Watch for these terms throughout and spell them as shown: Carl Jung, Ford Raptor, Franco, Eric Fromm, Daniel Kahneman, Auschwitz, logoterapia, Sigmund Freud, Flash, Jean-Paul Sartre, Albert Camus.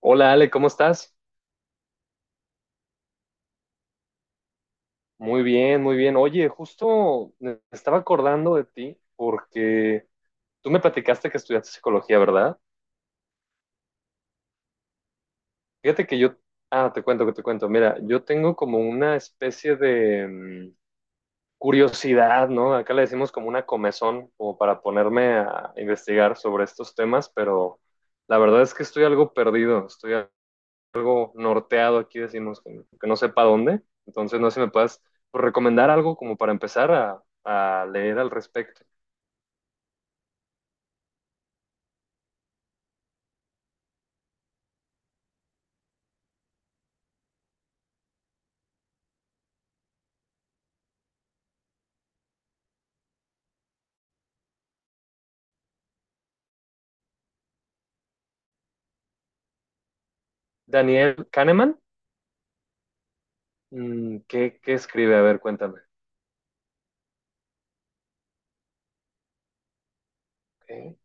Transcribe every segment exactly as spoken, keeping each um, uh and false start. Hola Ale, ¿cómo estás? Muy bien, muy bien. Oye, justo me estaba acordando de ti porque tú me platicaste que estudiaste psicología, ¿verdad? Fíjate que yo, ah, te cuento, que te cuento. Mira, yo tengo como una especie de mm, curiosidad, ¿no? Acá le decimos como una comezón, como para ponerme a investigar sobre estos temas, pero la verdad es que estoy algo perdido, estoy norteado aquí, decimos, que, que no sepa dónde. Entonces, no sé si me puedas pues, recomendar algo como para empezar a, a leer al respecto. Daniel Kahneman, mm, ¿qué, qué escribe? A ver, cuéntame. Ok.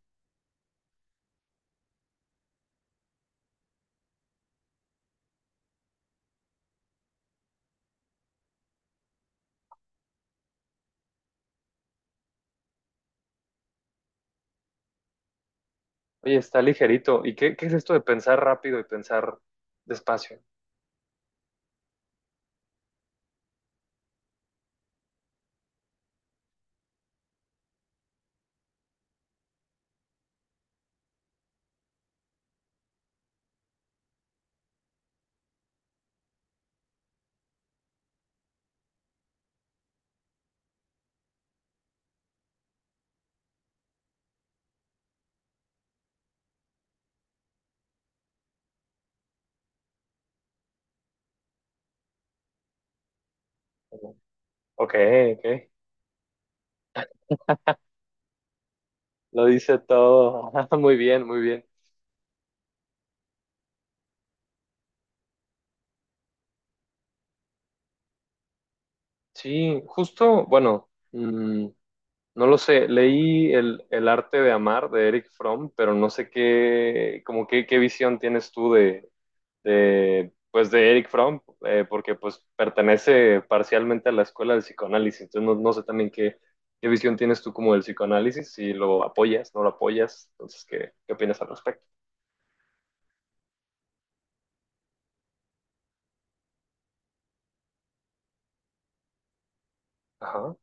Oye, está ligerito. ¿Y qué, qué es esto de pensar rápido y pensar despacio? Ok, ok. Lo dice todo. Muy bien, muy bien. Sí, justo, bueno, mm, no lo sé, leí el, el arte de amar de Eric Fromm, pero no sé qué, como qué, qué visión tienes tú de, de, pues de Eric Fromm, eh, porque pues pertenece parcialmente a la escuela del psicoanálisis, entonces no, no sé también qué, qué visión tienes tú como del psicoanálisis, si lo apoyas, no lo apoyas, entonces qué, qué opinas al respecto. Ajá.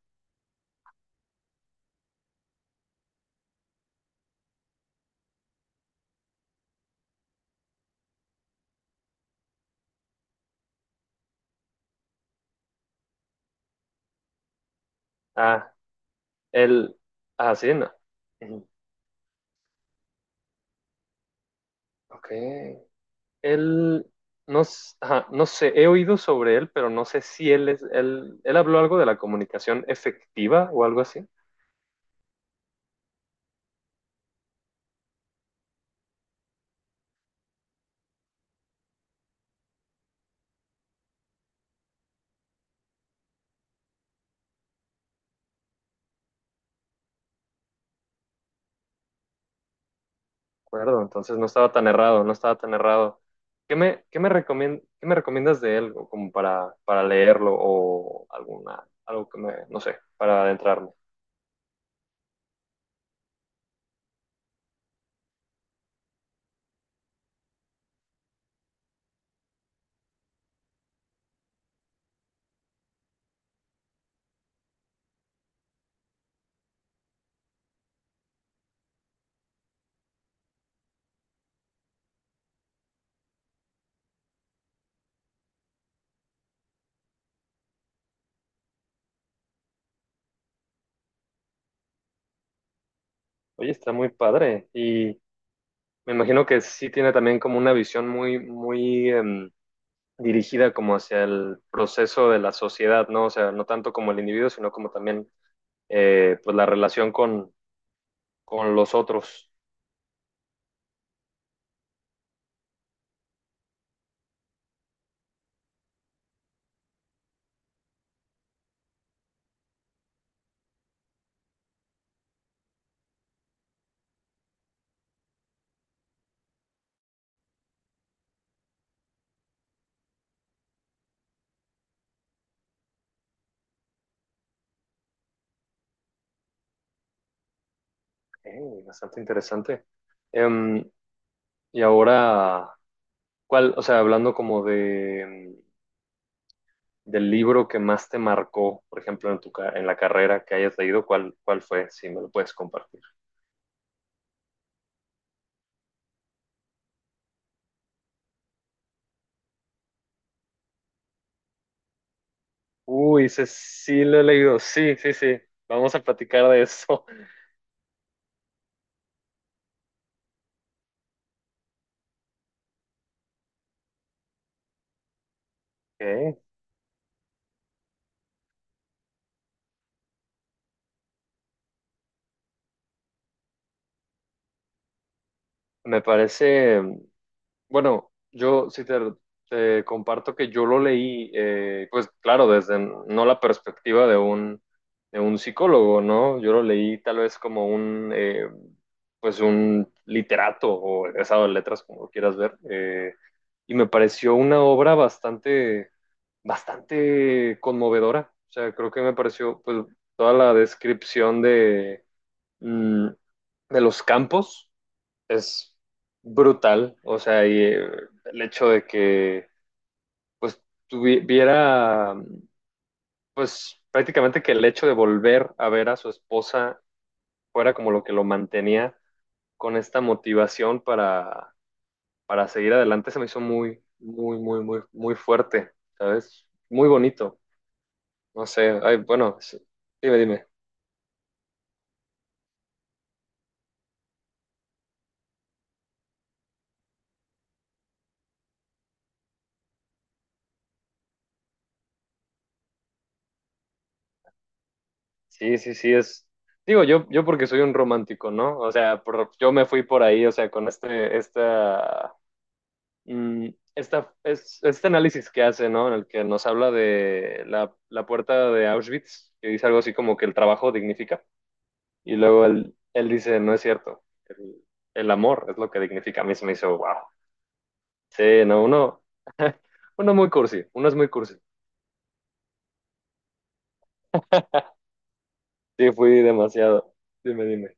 Ah, el, ah, sí, no. Ujú. Ok. Él, no, s- ajá, no sé, he oído sobre él, pero no sé si él es, él, él habló algo de la comunicación efectiva o algo así, ¿de acuerdo? Entonces no estaba tan errado, no estaba tan errado. ¿Qué me, qué me recomien- qué me recomiendas de él o como para, para leerlo o alguna, algo que me, no sé, para adentrarme? Oye, está muy padre y me imagino que sí tiene también como una visión muy, muy em, dirigida como hacia el proceso de la sociedad, ¿no? O sea, no tanto como el individuo, sino como también eh, pues la relación con, con, los otros. Eh, Bastante interesante. Em, y ahora, ¿cuál? O sea, hablando como de, del libro que más te marcó, por ejemplo, en tu, ca- en la carrera que hayas leído, ¿cuál, cuál fue? Si me lo puedes compartir. Uy, ese sí lo he leído. Sí, sí, sí. Vamos a platicar de eso. Ok. Me parece Bueno, yo sí te, te comparto que yo lo leí, eh, pues claro, desde no la perspectiva de un, de un psicólogo, ¿no? Yo lo leí tal vez como un, eh, pues un literato o egresado de letras, como lo quieras ver, eh, y me pareció una obra bastante, bastante conmovedora. O sea, creo que me pareció, pues, toda la descripción de, mm, de los campos es brutal, o sea, y eh, el hecho de que pues tuviera, pues prácticamente que el hecho de volver a ver a su esposa fuera como lo que lo mantenía con esta motivación para, para seguir adelante, se me hizo muy, muy, muy, muy, muy fuerte, ¿sabes? Muy bonito, no sé, ay, bueno, sí, dime, dime, sí, sí, sí, es... Digo, yo, yo porque soy un romántico, ¿no? O sea, por- yo me fui por ahí, o sea, con este, esta Mm, esta, es, este análisis que hace, ¿no? En el que nos habla de la, la, puerta de Auschwitz, que dice algo así como que el trabajo dignifica, y luego él, él dice, no es cierto, el, el, amor es lo que dignifica. A mí se me hizo, wow. Sí, no, uno, uno muy cursi, uno es muy cursi. Sí, fui demasiado. Dime, dime.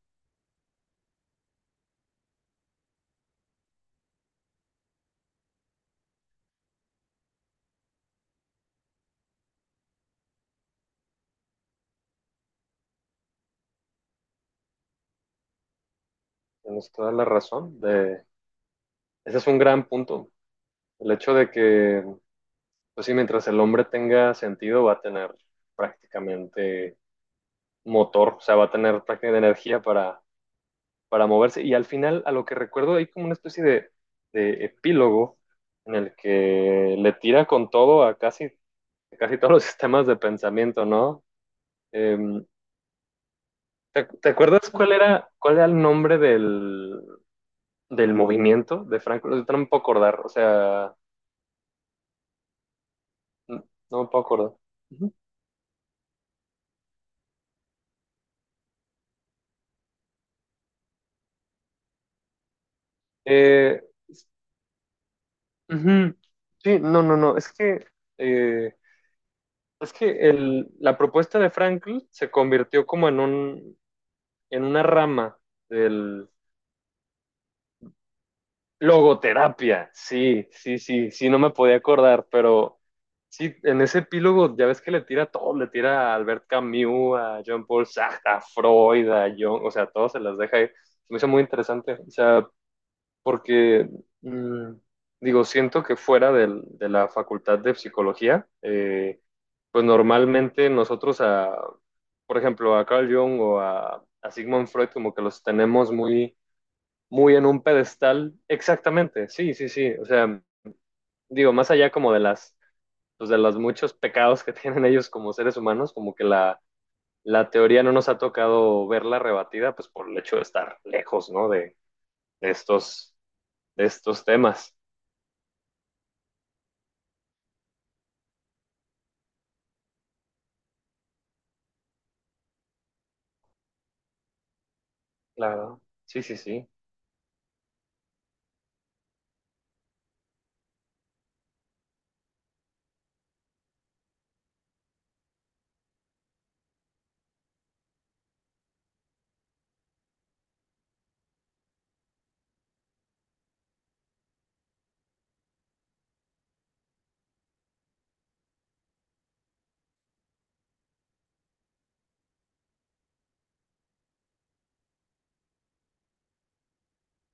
Tienes toda la razón. De... Ese es un gran punto. El hecho de que, pues sí, mientras el hombre tenga sentido, va a tener prácticamente motor, o sea, va a tener prácticamente energía para, para moverse. Y al final, a lo que recuerdo, hay como una especie de, de epílogo en el que le tira con todo a casi, a casi todos los sistemas de pensamiento, ¿no? Eh, ¿te, te acuerdas cuál era, cuál era el nombre del, del movimiento de Franco? No no me puedo acordar, o sea, no, no me puedo acordar. Ujú. Eh, ujú. Sí, no, no, no, es que... eh, Es que el, la propuesta de Frankl se convirtió como en un, en una rama del logoterapia. Sí, sí, sí, sí, no me podía acordar, pero sí, en ese epílogo ya ves que le tira a todo, le tira a Albert Camus, a Jean-Paul Sartre, a Freud, a Jung, o sea, todos se las deja ir. Se me hizo muy interesante, o sea, porque mm, digo, siento que fuera del- de la facultad de psicología, eh, pues normalmente nosotros a, por ejemplo, a Carl Jung o a, a Sigmund Freud como que los tenemos muy, muy en un pedestal. Exactamente, sí, sí, sí. O sea, digo, más allá como de las, pues de los muchos pecados que tienen ellos como seres humanos, como que la, la teoría no nos ha tocado verla rebatida, pues por el hecho de estar lejos, ¿no? De, de estos, de estos temas. Claro, sí, sí, sí.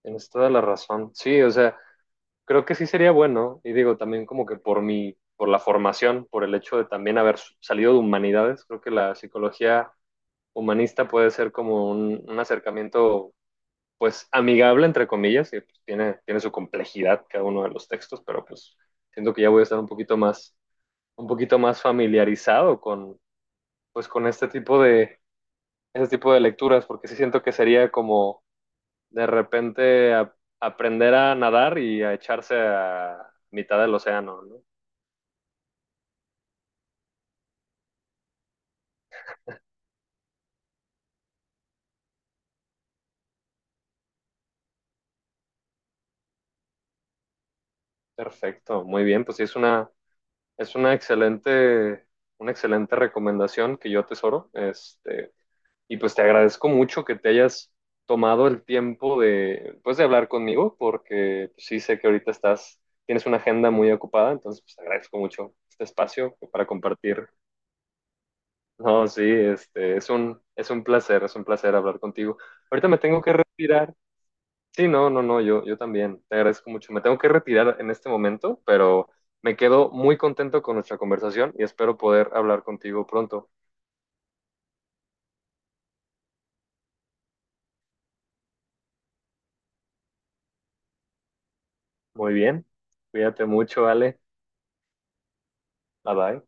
Tienes toda la razón. Sí, o sea. Creo que sí sería bueno, y digo también como que por mi, por la formación, por el hecho de también haber s- salido de humanidades, creo que la psicología humanista puede ser como un, un acercamiento pues amigable entre comillas, y pues, tiene, tiene su complejidad cada uno de los textos, pero pues siento que ya voy a estar un poquito más, un poquito más familiarizado con, pues con este tipo de, este tipo de lecturas, porque sí siento que sería como de repente a- aprender a nadar y a echarse a mitad del océano, ¿no? Perfecto, muy bien, pues sí, es una, es una excelente, una excelente recomendación que yo atesoro. Este, y pues te agradezco mucho que te hayas tomado el tiempo de, pues, de hablar conmigo, porque pues, sí sé que ahorita estás, tienes una agenda muy ocupada, entonces pues, te agradezco mucho este espacio para compartir. No, sí, este, es un, es un placer, es un placer hablar contigo. Ahorita me tengo que retirar. Sí, no, no, no, yo, yo también. Te agradezco mucho. Me tengo que retirar en este momento, pero me quedo muy contento con nuestra conversación y espero poder hablar contigo pronto. Muy bien. Cuídate mucho, Ale. Bye bye.